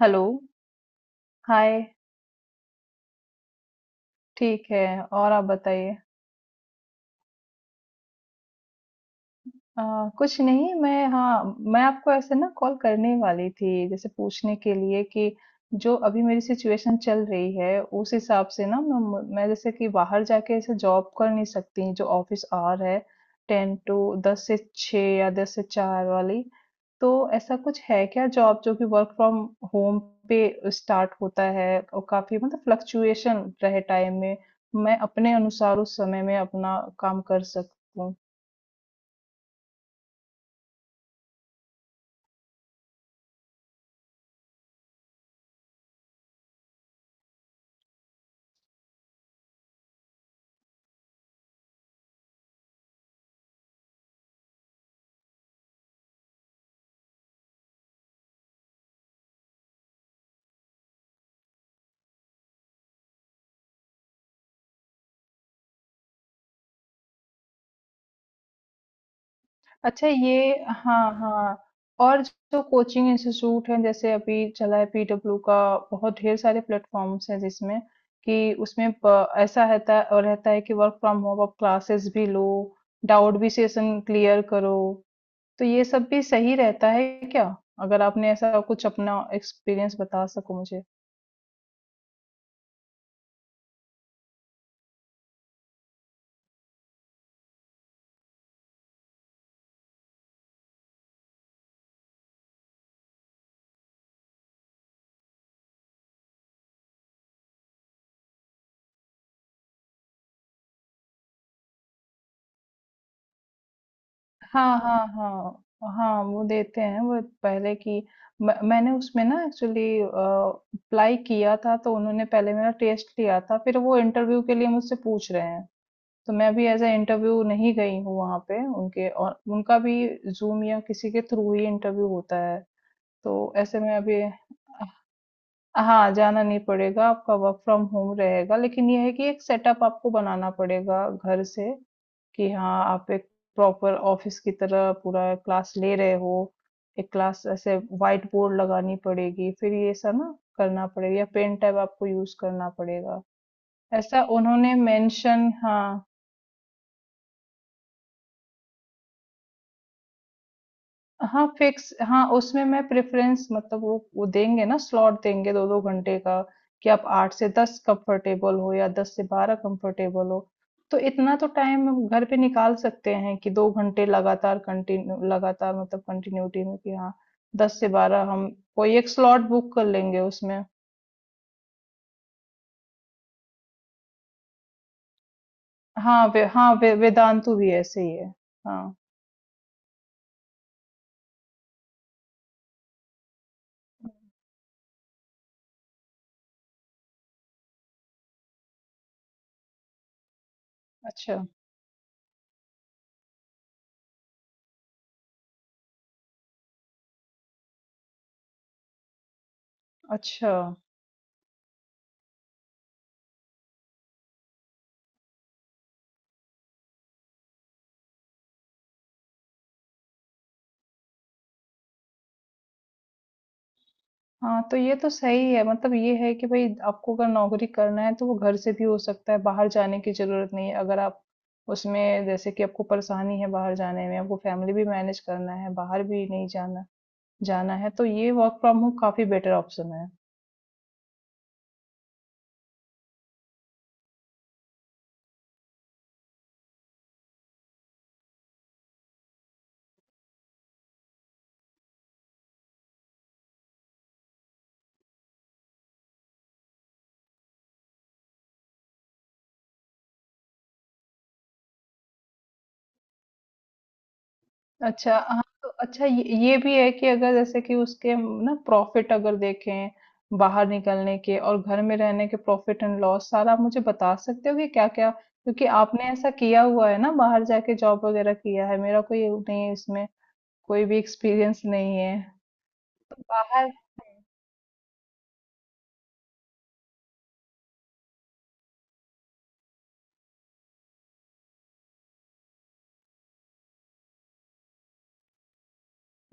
Hello! Hi, ठीक है। और आप बताइए? अ, कुछ नहीं मैं हाँ, मैं आपको ऐसे ना कॉल करने वाली थी, जैसे पूछने के लिए कि जो अभी मेरी सिचुएशन चल रही है, उस हिसाब से ना मैं म मैं जैसे कि बाहर जाके ऐसे जॉब कर नहीं सकती, जो ऑफ़िस आवर है 10 टू 10 से 6 या 10 से 4 वाली। तो ऐसा कुछ है क्या जॉब जो कि वर्क फ्रॉम होम पे स्टार्ट होता है और काफ़ी मतलब फ्लक्चुएशन रहे टाइम में, मैं अपने अनुसार उस समय में अपना काम कर सकूँ? अच्छा ये हाँ हाँ। और जो कोचिंग इंस्टीट्यूट है जैसे अभी चला है पीडब्ल्यू का बहुत ढेर सारे प्लेटफॉर्म्स हैं जिसमें कि उसमें ऐसा रहता है और रहता है कि वर्क फ्रॉम होम आप क्लासेस भी लो डाउट भी सेशन क्लियर करो। तो ये सब भी सही रहता है क्या? अगर आपने ऐसा कुछ अपना एक्सपीरियंस बता सको मुझे। हाँ, हाँ, हाँ। हाँ, वो देते हैं वो पहले की म मैंने उसमें ना एक्चुअली अप्लाई किया था तो उन्होंने पहले मेरा टेस्ट लिया था, फिर वो इंटरव्यू के लिए मुझसे पूछ रहे हैं। तो मैं भी एज़ अ इंटरव्यू नहीं गई हूँ वहाँ पे उनके और उनका भी ज़ूम या किसी के थ्रू ही इंटरव्यू होता है। तो ऐसे में अभी हाँ, जाना नहीं पड़ेगा, आपका वर्क फ्रॉम होम रहेगा, लेकिन ये है कि एक सेटअप आपको बनाना पड़ेगा घर से। कि हाँ, आप एक प्रॉपर ऑफिस की तरह पूरा क्लास ले रहे हो। एक क्लास ऐसे व्हाइट बोर्ड लगानी पड़ेगी, फिर ये सब ना करना पड़ेगा या पेन टैब आपको यूज़ करना पड़ेगा। ऐसा उन्होंने मेंशन, हाँ। हाँ फिक्स हाँ उसमें मैं प्रेफरेंस मतलब वो देंगे ना स्लॉट देंगे दो दो घंटे का। कि आप 8 से 10 कंफर्टेबल हो या 10 से 12 कंफर्टेबल हो। तो इतना तो टाइम हम घर पे निकाल सकते हैं कि 2 घंटे लगातार कंटिन्यू लगातार मतलब कंटिन्यूटी में कि हाँ 10 से 12 हम कोई एक स्लॉट बुक कर लेंगे उसमें। हाँ, वेदांतु भी ऐसे ही है। हाँ। अच्छा। अच्छा। हाँ, तो ये तो सही है मतलब ये है कि भई आपको अगर नौकरी करना है तो वो घर से भी हो सकता है, बाहर जाने की ज़रूरत नहीं है। अगर आप उसमें जैसे कि आपको परेशानी है बाहर जाने में, आपको फैमिली भी मैनेज करना है, बाहर भी नहीं जाना जाना है, तो ये वर्क फ्रॉम होम काफ़ी बेटर ऑप्शन है। अच्छा हाँ तो अच्छा ये भी है कि अगर जैसे कि उसके हम ना प्रॉफिट अगर देखें बाहर निकलने के और घर में रहने के प्रॉफिट एंड लॉस सारा आप मुझे बता सकते हो कि क्या क्या क्योंकि आपने ऐसा किया हुआ है ना बाहर जाके जॉब वगैरह किया है मेरा कोई वो नहीं है इसमें कोई भी एक्सपीरियंस नहीं है। तो बाहर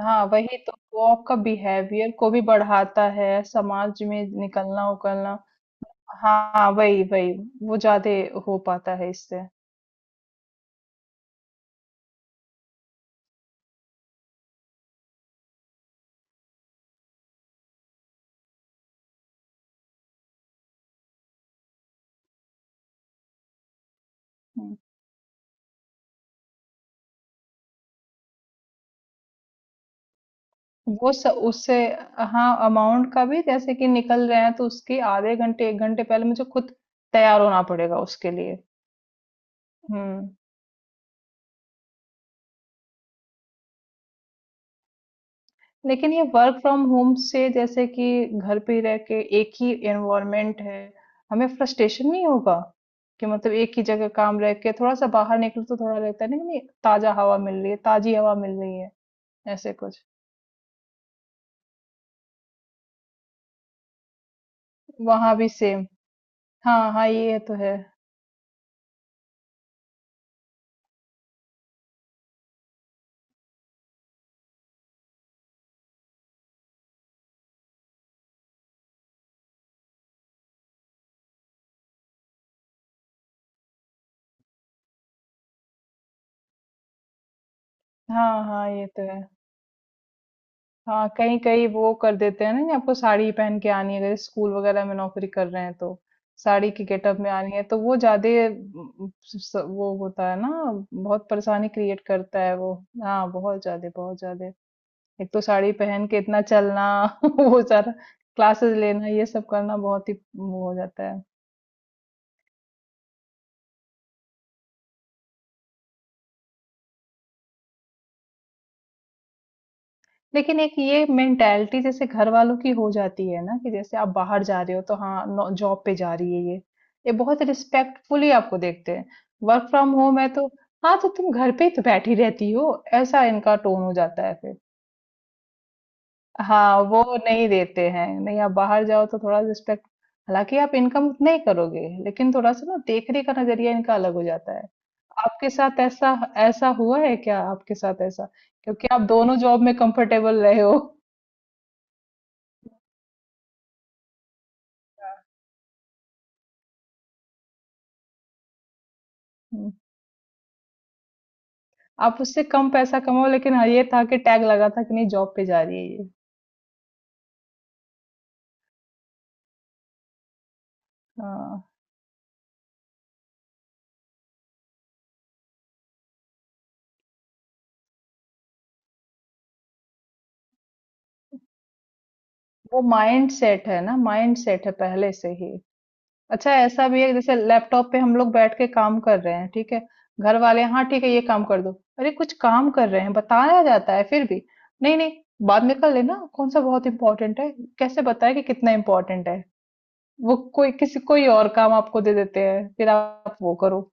हाँ वही तो वो आपका बिहेवियर को भी बढ़ाता है समाज में निकलना उकलना। हाँ वही वही वो ज्यादा हो पाता है इससे। उससे हाँ अमाउंट का भी जैसे कि निकल रहे हैं तो उसकी आधे घंटे एक घंटे पहले मुझे खुद तैयार होना पड़ेगा उसके लिए। हम्म। लेकिन ये वर्क फ्रॉम होम से जैसे कि घर पे ही रह के एक ही एनवायरनमेंट है हमें फ्रस्ट्रेशन नहीं होगा कि मतलब एक ही जगह काम रह के थोड़ा सा बाहर निकलो तो थोड़ा लगता है नहीं नहीं ताजा हवा मिल रही है ताजी हवा मिल रही है ऐसे कुछ। वहां भी सेम। हाँ हाँ ये तो है। हाँ हाँ ये तो है। हाँ कहीं कहीं वो कर देते हैं ना कि आपको साड़ी ही पहन के आनी है अगर स्कूल वगैरह में नौकरी कर रहे हैं तो साड़ी की गेटअप में आनी है तो वो ज्यादा वो होता है ना। बहुत परेशानी क्रिएट करता है वो। हाँ बहुत ज्यादा बहुत ज्यादा। एक तो साड़ी पहन के इतना चलना वो सारा क्लासेस लेना ये सब करना बहुत ही वो हो जाता है। लेकिन एक ये मेंटालिटी जैसे घर वालों की हो जाती है ना कि जैसे आप बाहर जा रहे हो तो हाँ जॉब पे जा रही है ये बहुत रिस्पेक्टफुली आपको देखते हैं। वर्क फ्रॉम होम है तो हाँ तो तुम घर पे ही तो बैठी रहती हो ऐसा इनका टोन हो जाता है फिर। हाँ वो नहीं देते हैं नहीं आप बाहर जाओ तो थोड़ा रिस्पेक्ट। हालांकि आप इनकम उतना ही करोगे लेकिन थोड़ा सा ना देखने का नजरिया इनका अलग हो जाता है। आपके साथ ऐसा ऐसा हुआ है क्या आपके साथ ऐसा? क्योंकि आप दोनों जॉब में कंफर्टेबल रहे हो। हुँ, आप उससे कम पैसा कमाओ लेकिन हाँ, ये था कि टैग लगा था कि नहीं जॉब पे जा रही है ये। हाँ, वो माइंडसेट है ना, माइंडसेट है पहले से ही। अच्छा ऐसा भी है जैसे लैपटॉप पे हम लोग बैठ के काम कर रहे हैं, ठीक है? घर वाले हाँ ठीक है ये काम कर दो। अरे कुछ काम कर रहे हैं, बताया जाता है फिर भी, नहीं, नहीं बाद में कर लेना, कौन सा बहुत इम्पोर्टेंट है? कैसे बताएँ कि कितना इम्पोर्टेंट है? वो कोई किसी कोई और काम आपको दे देते हैं, फिर आप वो करो।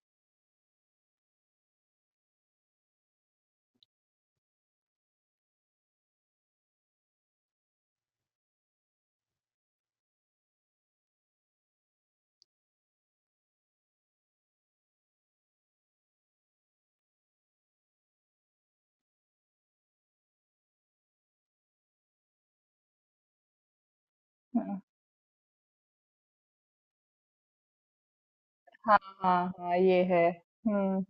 हाँ, हाँ, हाँ, ये है। हुँ।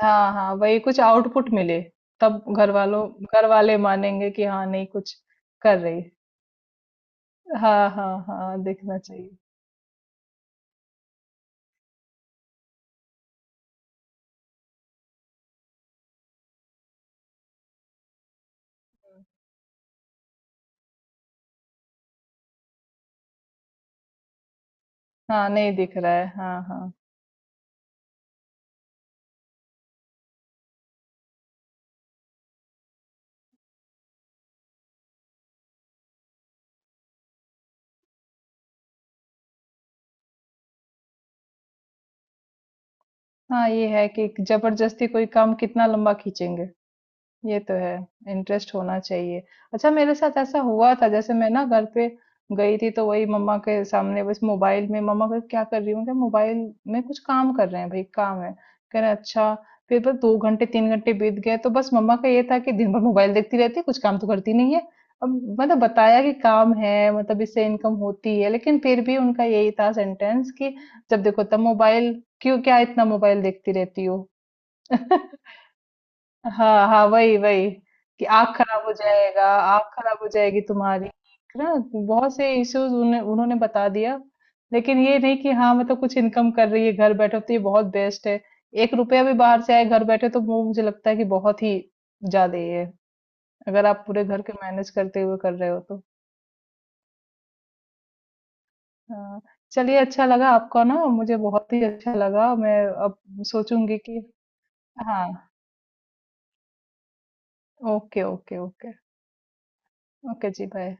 हाँ, हाँ, वही कुछ आउटपुट मिले, तब घरवालों घरवाले मानेंगे कि हाँ, नहीं कुछ कर रही। हाँ, हाँ, हाँ, दिखना चाहिए। हाँ, नहीं दिख रहा है। हाँ, हाँ। हाँ, ये है कि जबरदस्ती कोई काम कितना लंबा खींचेंगे। ये तो है, इंटरेस्ट होना चाहिए। अच्छा मेरे साथ ऐसा हुआ था जैसे मैं ना घर पे गई थी तो वही मम्मा के सामने बस मोबाइल में मम्मा कहे क्या कर रही हूँ? मैं कहा मोबाइल में कुछ काम कर रहे हैं भाई काम है। कह रहे अच्छा फिर बस 2 घंटे 3 घंटे बीत गए तो बस मम्मा का ये था कि दिन भर मोबाइल देखती रहती है कुछ काम तो करती नहीं है। अब मतलब बताया कि काम है मतलब इससे इनकम होती है लेकिन फिर भी उनका यही था सेंटेंस कि जब देखो तब मोबाइल क्यों क्या इतना मोबाइल देखती रहती हो? हाँ हाँ वही वही कि आँख खराब हो जाएगी तुम्हारी ना। बहुत से इश्यूज उन्हें उन्होंने बता दिया लेकिन ये नहीं कि हाँ मतलब कुछ इनकम कर रही है घर बैठे तो ये बहुत बेस्ट है। एक रुपया भी बाहर से आए घर बैठे तो वो मुझे लगता है कि बहुत ही ज्यादा ही है अगर आप पूरे घर के मैनेज करते हुए कर रहे हो तो। हाँ चलिए अच्छा लगा आपका ना मुझे बहुत ही अच्छा लगा मैं अब सोचूंगी कि हाँ। Okay okay okay. ओके जी बाय।